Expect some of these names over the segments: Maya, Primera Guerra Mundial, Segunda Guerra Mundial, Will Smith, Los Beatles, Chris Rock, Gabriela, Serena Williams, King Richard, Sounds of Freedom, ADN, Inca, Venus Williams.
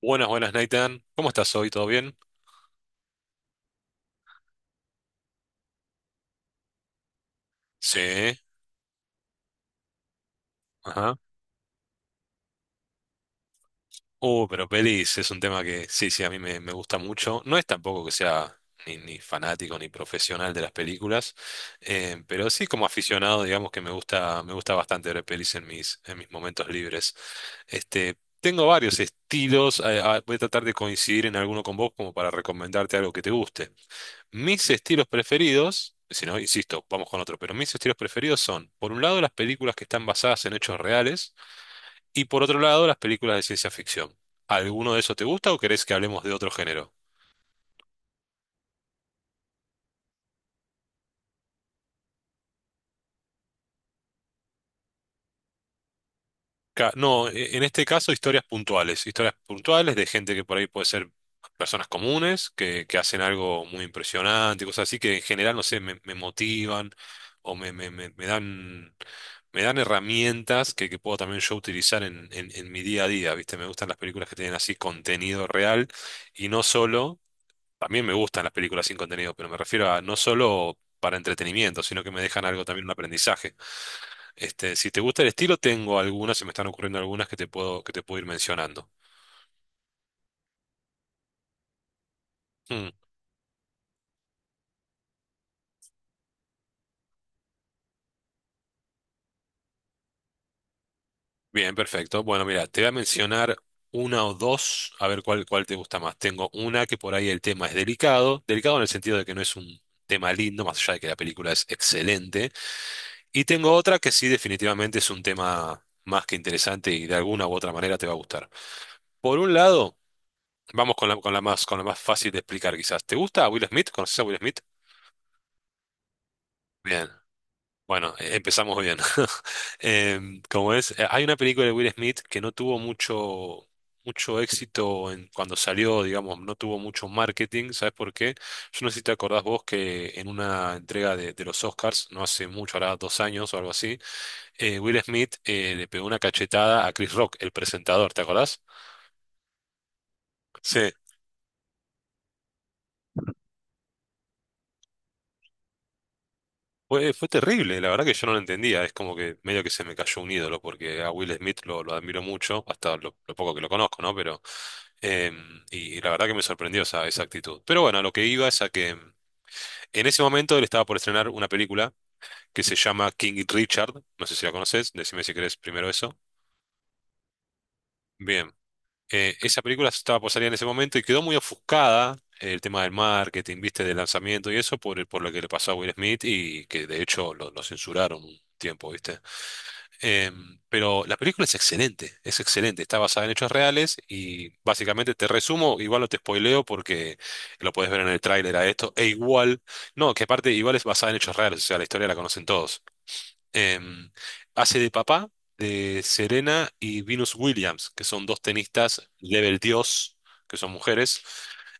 Buenas, buenas, Nathan. ¿Cómo estás hoy? ¿Todo bien? Sí. Ajá. Pero pelis es un tema que sí, a mí me gusta mucho. No es tampoco que sea ni fanático ni profesional de las películas, pero sí como aficionado, digamos que me gusta bastante ver pelis en mis momentos libres. Este, tengo varios estilos. Voy a tratar de coincidir en alguno con vos como para recomendarte algo que te guste. Mis estilos preferidos, si no, insisto, vamos con otro, pero mis estilos preferidos son, por un lado, las películas que están basadas en hechos reales y, por otro lado, las películas de ciencia ficción. ¿Alguno de esos te gusta o querés que hablemos de otro género? No, en este caso historias puntuales de gente que por ahí puede ser personas comunes, que hacen algo muy impresionante, cosas así que en general, no sé, me motivan o me dan herramientas que puedo también yo utilizar en, en mi día a día, ¿viste? Me gustan las películas que tienen así contenido real y no solo, también me gustan las películas sin contenido, pero me refiero a no solo para entretenimiento, sino que me dejan algo también, un aprendizaje. Este, si te gusta el estilo, tengo algunas, se me están ocurriendo algunas que te puedo ir mencionando. Mm, bien, perfecto. Bueno, mira, te voy a mencionar una o dos, a ver cuál, cuál te gusta más. Tengo una que por ahí el tema es delicado, delicado en el sentido de que no es un tema lindo, más allá de que la película es excelente. Y tengo otra que sí, definitivamente es un tema más que interesante y de alguna u otra manera te va a gustar. Por un lado, vamos con la más fácil de explicar quizás. ¿Te gusta Will Smith? ¿Conoces a Will Smith? Bien. Bueno, empezamos bien. Hay una película de Will Smith que no tuvo mucho, mucho éxito en, cuando salió, digamos, no tuvo mucho marketing. ¿Sabes por qué? Yo no sé si te acordás vos que en una entrega de los Oscars, no hace mucho, ahora dos años o algo así, Will Smith le pegó una cachetada a Chris Rock, el presentador, ¿te acordás? Sí. Fue, fue terrible, la verdad que yo no lo entendía, es como que medio que se me cayó un ídolo, porque a Will Smith lo admiro mucho, hasta lo poco que lo conozco, ¿no? Pero, eh, y la verdad que me sorprendió esa, esa actitud. Pero bueno, lo que iba es a que en ese momento él estaba por estrenar una película que se llama King Richard, no sé si la conoces, decime si querés primero eso. Bien, esa película estaba por salir en ese momento y quedó muy ofuscada. El tema del marketing, viste, del lanzamiento y eso por lo que le pasó a Will Smith y que de hecho lo censuraron un tiempo, ¿viste? Pero la película es excelente, está basada en hechos reales y básicamente te resumo, igual no te spoileo porque lo puedes ver en el tráiler a esto, e igual, no, que aparte igual es basada en hechos reales, o sea, la historia la conocen todos. Em, Hace de papá de Serena y Venus Williams, que son dos tenistas level Dios, que son mujeres.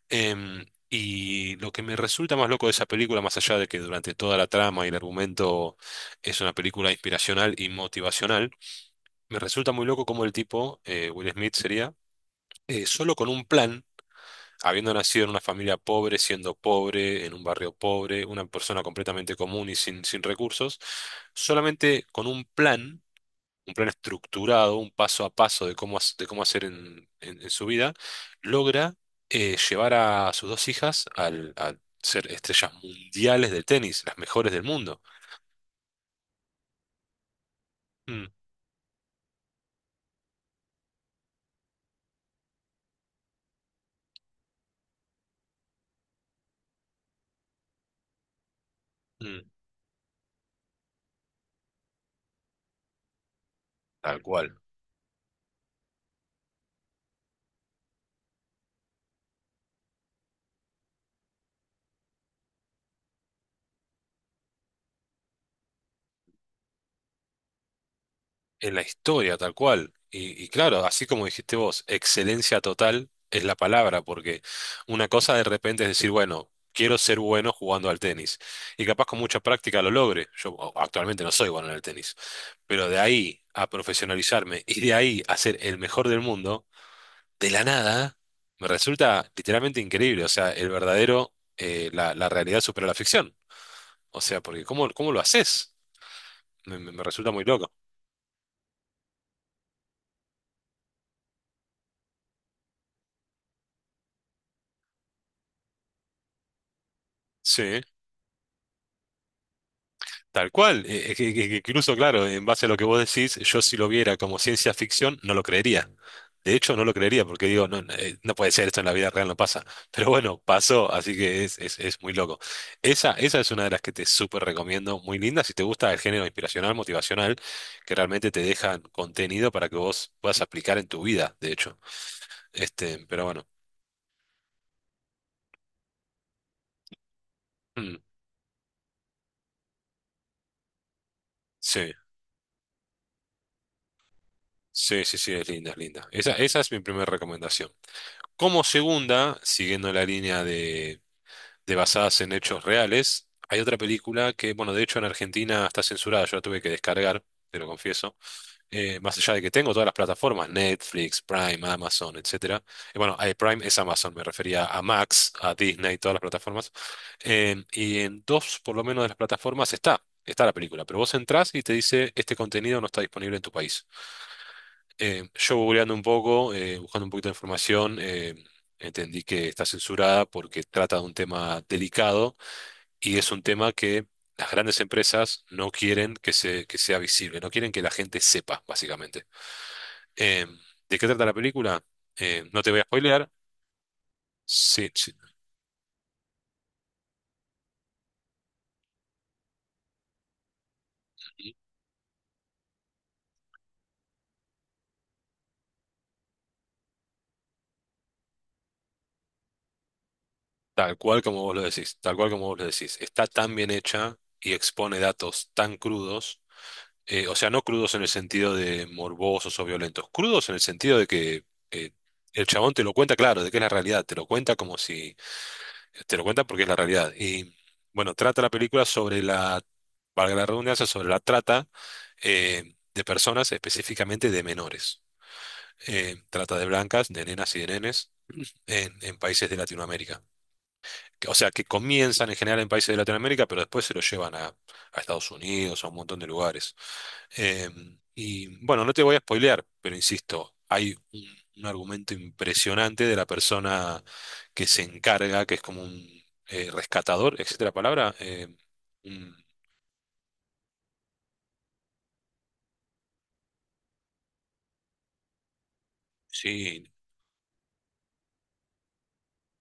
Y lo que me resulta más loco de esa película, más allá de que durante toda la trama y el argumento es una película inspiracional y motivacional, me resulta muy loco cómo el tipo, Will Smith sería, solo con un plan, habiendo nacido en una familia pobre, siendo pobre, en un barrio pobre, una persona completamente común y sin, sin recursos, solamente con un plan estructurado, un paso a paso de cómo, de cómo hacer en, en su vida, logra llevar a sus dos hijas al, a ser estrellas mundiales del tenis, las mejores del mundo. Mm, mm, tal cual. En la historia, tal cual. Y claro, así como dijiste vos, excelencia total es la palabra, porque una cosa de repente es decir, bueno, quiero ser bueno jugando al tenis. Y capaz con mucha práctica lo logre. Actualmente no soy bueno en el tenis, pero de ahí a profesionalizarme y de ahí a ser el mejor del mundo, de la nada, me resulta literalmente increíble. O sea, el verdadero, la, la realidad supera la ficción. O sea, porque ¿cómo, cómo lo haces? Me resulta muy loco. Sí. Tal cual, que incluso, claro, en base a lo que vos decís, yo si lo viera como ciencia ficción, no lo creería. De hecho, no lo creería porque digo, no, no, no puede ser, esto en la vida real no pasa. Pero bueno, pasó, así que es muy loco. Esa es una de las que te súper recomiendo, muy linda, si te gusta el género inspiracional, motivacional, que realmente te dejan contenido para que vos puedas aplicar en tu vida, de hecho. Este, pero bueno, mm, sí, sí, sí, sí, es linda, es linda. Esa es mi primera recomendación. Como segunda, siguiendo la línea de basadas en hechos reales. Hay otra película que, bueno, de hecho en Argentina está censurada, yo la tuve que descargar, te lo confieso. Más allá de que tengo todas las plataformas, Netflix, Prime, Amazon, etcétera. Bueno, Prime es Amazon, me refería a Max, a Disney, todas las plataformas. Y en dos, por lo menos, de las plataformas está. Está la película, pero vos entrás y te dice este contenido no está disponible en tu país. Yo googleando un poco, buscando un poquito de información, entendí que está censurada porque trata de un tema delicado y es un tema que las grandes empresas no quieren que, se, que sea visible, no quieren que la gente sepa, básicamente. Eh, ¿De qué trata la película? No te voy a spoilear. Sí, sí, tal cual como vos lo decís, tal cual como vos lo decís. Está tan bien hecha y expone datos tan crudos, o sea, no crudos en el sentido de morbosos o violentos, crudos en el sentido de que eh, el chabón te lo cuenta claro, de que es la realidad, te lo cuenta como si te lo cuenta porque es la realidad. Y bueno, trata la película sobre la, valga la redundancia, sobre la trata de personas, específicamente de menores. Trata de blancas, de nenas y de nenes en países de Latinoamérica. O sea, que comienzan en general en países de Latinoamérica, pero después se lo llevan a Estados Unidos, a un montón de lugares. Eh, y bueno, no te voy a spoilear, pero insisto, hay un argumento impresionante de la persona que se encarga, que es como un rescatador, etcétera, la palabra. Un- sí,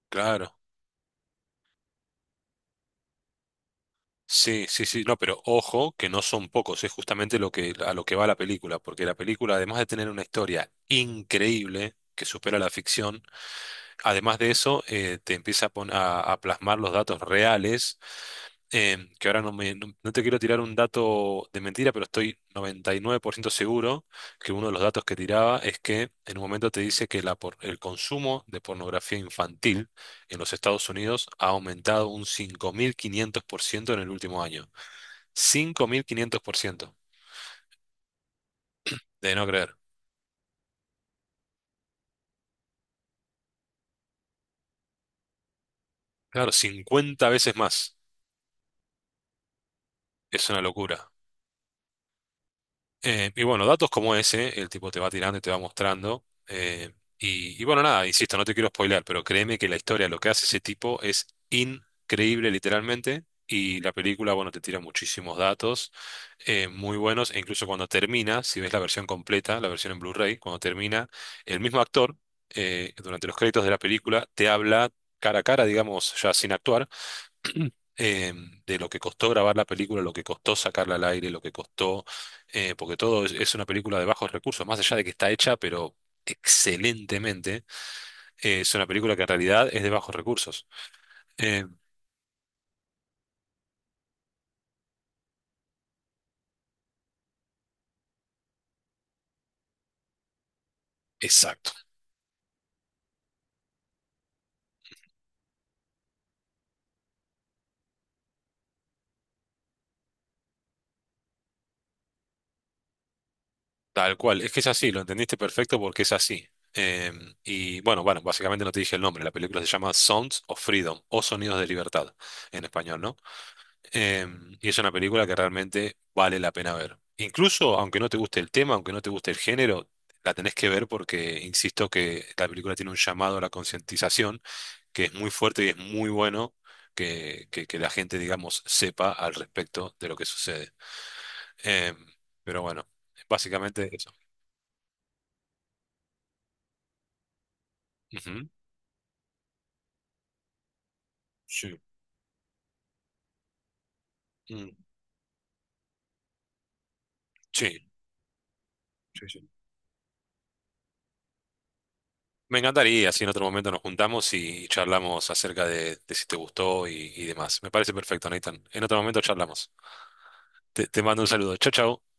claro. Sí, sí, sí, no, pero ojo que no son pocos, es justamente lo que, a lo que va la película, porque la película, además de tener una historia increíble que supera la ficción, además de eso, te empieza a, a plasmar los datos reales, que ahora no, no te quiero tirar un dato de mentira, pero estoy 99% seguro que uno de los datos que tiraba es que en un momento te dice que la el consumo de pornografía infantil en los Estados Unidos ha aumentado un 5.500% en el último año. 5.500%, de no creer. Claro, 50 veces más. Es una locura. Y bueno, datos como ese, el tipo te va tirando y te va mostrando. Y, y bueno, nada, insisto, no te quiero spoilear, pero créeme que la historia, lo que hace ese tipo es increíble literalmente. Y la película, bueno, te tira muchísimos datos muy buenos. E incluso cuando termina, si ves la versión completa, la versión en Blu-ray, cuando termina, el mismo actor, durante los créditos de la película, te habla cara a cara, digamos, ya sin actuar eh, de lo que costó grabar la película, lo que costó sacarla al aire, lo que costó, porque todo es una película de bajos recursos, más allá de que está hecha, pero excelentemente, es una película que en realidad es de bajos recursos. Eh, exacto, tal cual, es que es así, lo entendiste perfecto porque es así. Eh, y bueno, bueno, básicamente no te dije el nombre, la película se llama Sounds of Freedom o Sonidos de Libertad en español, ¿no? Y es una película que realmente vale la pena ver. Incluso aunque no te guste el tema, aunque no te guste el género, la tenés que ver porque insisto que la película tiene un llamado a la concientización que es muy fuerte y es muy bueno que, que la gente, digamos, sepa al respecto de lo que sucede. Em, pero bueno, básicamente eso. Ujú. Sí. Mm, sí, sí, sí. Me encantaría si en otro momento nos juntamos y charlamos acerca de si te gustó y demás. Me parece perfecto, Nathan. En otro momento charlamos. Te mando un saludo. Chao, chao.